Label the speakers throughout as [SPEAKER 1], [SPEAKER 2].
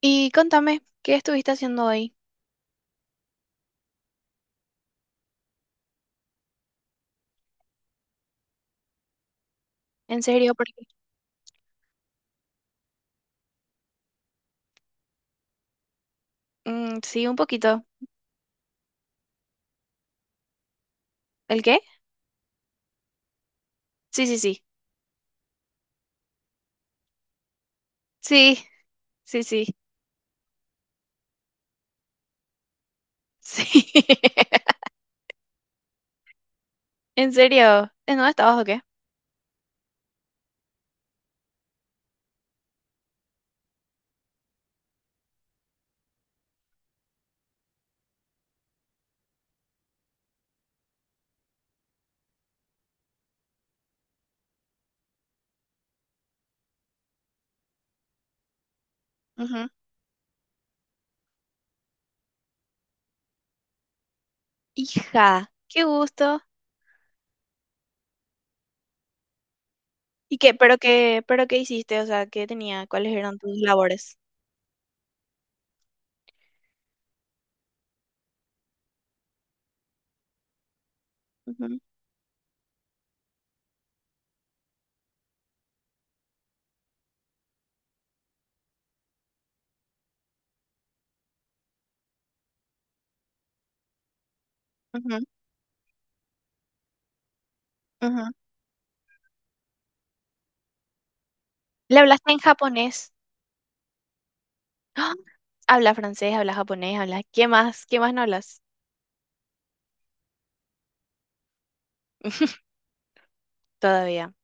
[SPEAKER 1] Y contame, ¿qué estuviste haciendo hoy? ¿En serio? Porque mm, sí, un poquito. ¿El qué? Sí, sí, sí. Sí, sí, sí. Sí. ¿En serio? ¿En dónde estabas o qué? Ujú. Hija, qué gusto. ¿Y qué? ¿Pero qué? ¿Pero qué hiciste? O sea, ¿qué tenía? ¿Cuáles eran tus labores? Ujú, ujú, ujú. ¿Le hablaste en japonés? ¡Ah! Habla francés, habla japonés, habla. ¿Qué más? ¿Qué más no hablas? Todavía.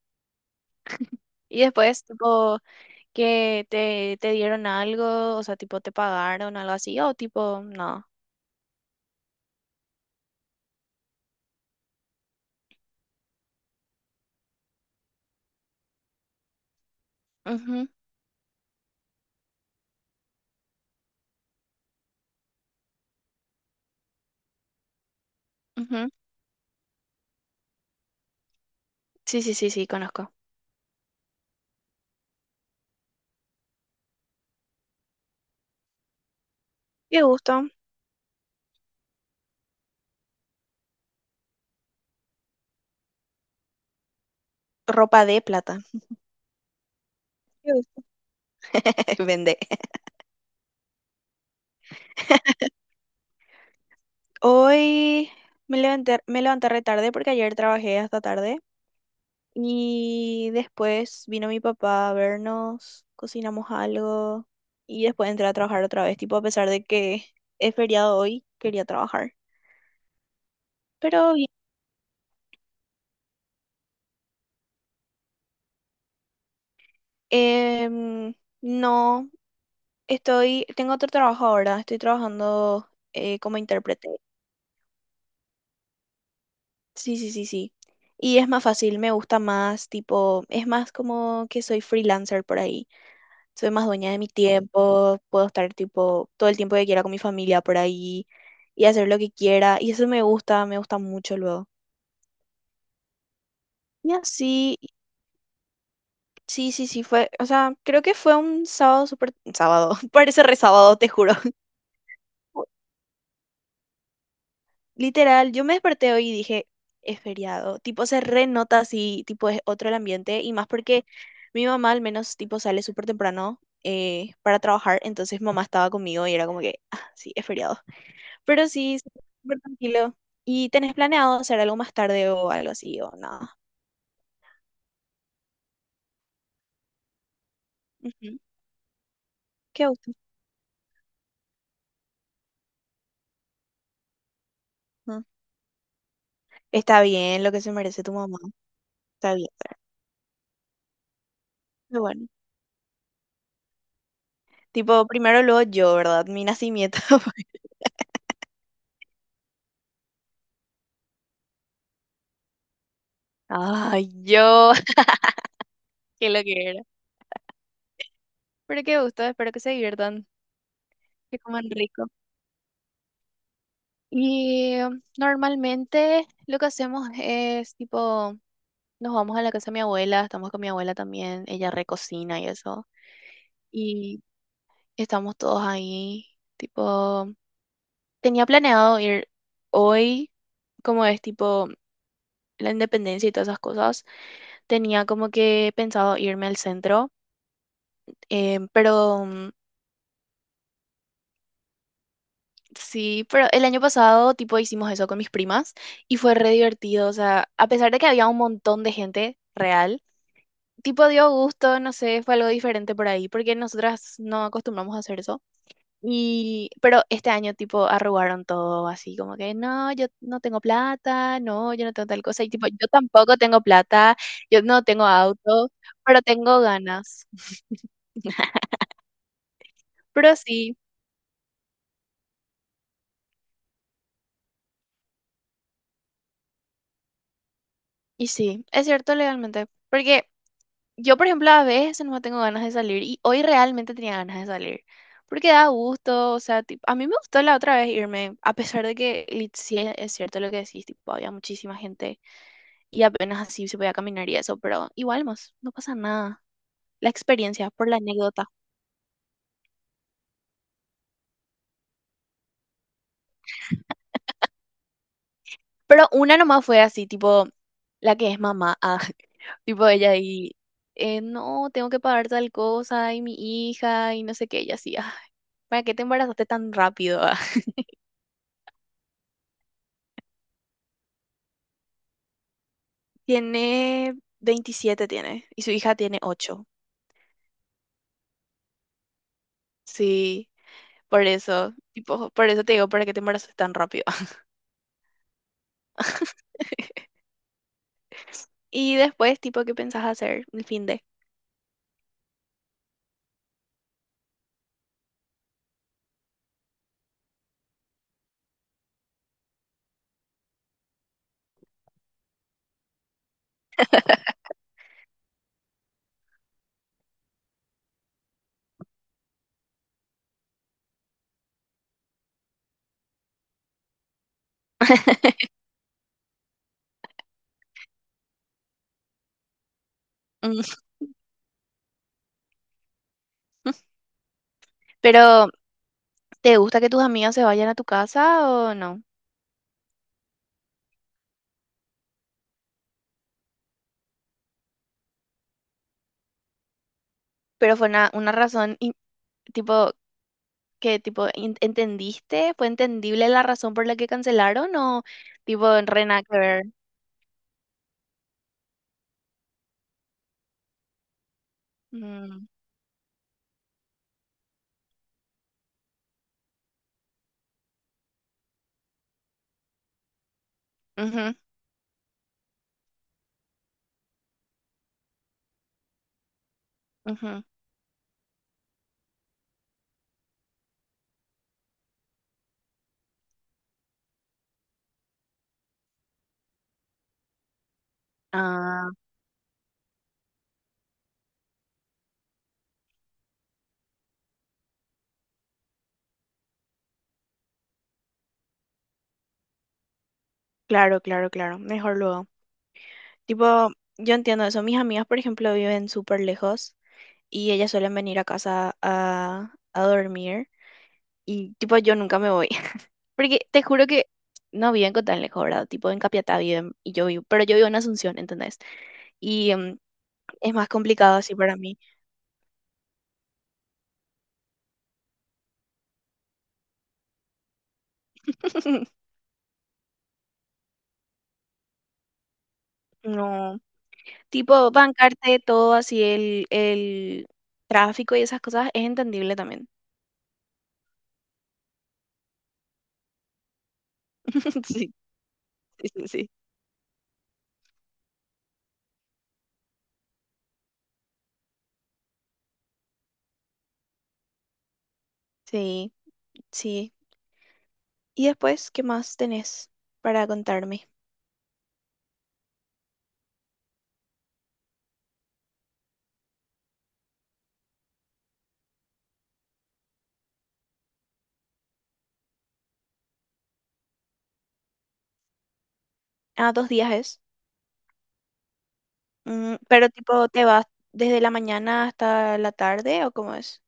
[SPEAKER 1] Y después, tipo, que te dieron algo, o sea, tipo te pagaron algo así, o tipo, no. Ujú, ujú. Sí, sí, sí, sí, conozco. Qué gusto. Ropa de plata. Qué gusto. Vende. Hoy me levanté re tarde porque ayer trabajé hasta tarde y después vino mi papá a vernos, cocinamos algo y después entré a trabajar otra vez, tipo a pesar de que es feriado hoy, quería trabajar. Pero bien, em, no. Tengo otro trabajo ahora, estoy trabajando como intérprete. Sí, sí, sí, sí. Y es más fácil, me gusta más, tipo, es más como que soy freelancer por ahí. Soy más dueña de mi tiempo, puedo estar tipo todo el tiempo que quiera con mi familia por ahí y hacer lo que quiera. Y eso me gusta mucho luego. Y así, sí, sí, sí, fue, o sea, creo que fue un sábado súper, sábado, parece re sábado, te juro. Literal, yo me desperté hoy y dije, es feriado. Tipo, se renota así, tipo, es otro el ambiente. Y más porque mi mamá al menos, tipo, sale súper temprano para trabajar. Entonces mamá estaba conmigo y era como que, ah, sí, es feriado. Pero sí, sí, súper tranquilo. ¿Y tenés planeado hacer algo más tarde o algo así o nada? Ujú. Qué gusto. Ah, está bien lo que se merece tu mamá. Está bien. Pero bueno. Tipo, primero luego yo, ¿verdad? Mi nacimiento. Ay, yo, qué lo que. Pero qué gusto, espero que se diviertan, que coman rico. Y normalmente lo que hacemos es tipo, nos vamos a la casa de mi abuela, estamos con mi abuela también, ella recocina y eso. Y estamos todos ahí, tipo, tenía planeado ir hoy, como es tipo la independencia y todas esas cosas, tenía como que pensado irme al centro, pero sí, pero el año pasado, tipo, hicimos eso con mis primas y fue re divertido. O sea, a pesar de que había un montón de gente real, tipo, dio gusto, no sé, fue algo diferente por ahí, porque nosotras no acostumbramos a hacer eso. Y, pero este año, tipo, arrugaron todo así, como que, no, yo no tengo plata, no, yo no tengo tal cosa. Y, tipo, yo tampoco tengo plata, yo no tengo auto, pero tengo ganas. Pero sí, y sí, es cierto legalmente. Porque yo, por ejemplo, a veces no tengo ganas de salir y hoy realmente tenía ganas de salir porque da gusto, o sea, tipo, a mí me gustó la otra vez irme, a pesar de que sí es cierto lo que decís, tipo, había muchísima gente y apenas así se podía caminar y eso, pero igual más, no pasa nada. La experiencia, por la anécdota. Pero una nomás fue así, tipo, la que es mamá, ah, tipo ella y, no, tengo que pagar tal cosa y mi hija y no sé qué, ella así, "Ay, ¿para qué te embarazaste tan rápido? Tiene 27 tiene y su hija tiene 8. Sí, por eso, tipo, por eso te digo, para que te embaraces tan rápido. Y después, tipo, ¿qué pensás hacer el fin de? Mm. Pero, ¿te gusta que tus amigos se vayan a tu casa o no? Pero fue una razón, tipo, que, tipo, ¿entendiste? ¿Fue entendible la razón por la que cancelaron o, tipo, en re nada que ver? Mm, ujú, ujú. Ah, claro, claro, claro. Mejor luego. Tipo, yo entiendo eso. Mis amigas, por ejemplo, viven súper lejos y ellas suelen venir a casa a dormir y tipo yo nunca me voy. Porque te juro que no viven con tan lejos, ¿verdad? Tipo en Capiatá viven y yo vivo, pero yo vivo en Asunción, ¿entendés? Y es más complicado así para mí. No, tipo bancarte todo así el tráfico y esas cosas es entendible también. Sí, sí, sí, sí. Sí, sí. ¿Y después qué más tenés para contarme? Ah, 2 días es. Mm, pero tipo, ¿te vas desde la mañana hasta la tarde o cómo es?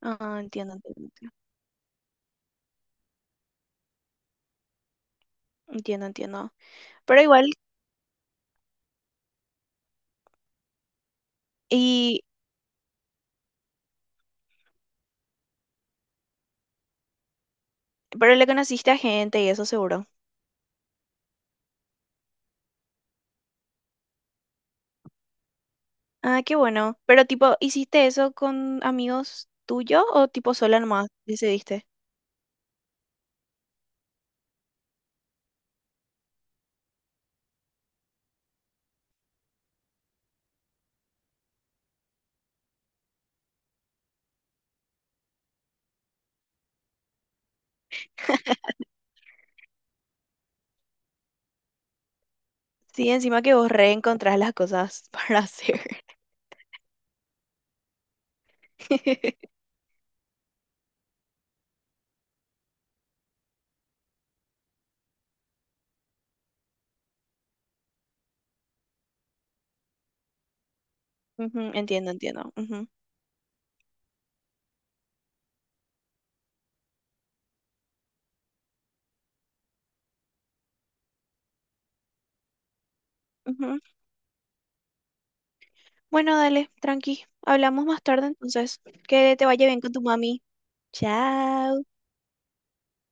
[SPEAKER 1] Ah, entiendo, entiendo. Entiendo, entiendo. Entiendo. Pero igual, y pero le conociste a gente y eso seguro. Ah, qué bueno. Pero tipo, ¿hiciste eso con amigos tuyos o tipo sola nomás decidiste? Sí, encima que vos reencontrás las cosas para hacer. Ujú, entiendo, entiendo. Ujú, ujú. Bueno, dale, tranqui. Hablamos más tarde entonces. Que te vaya bien con tu mami. Chao.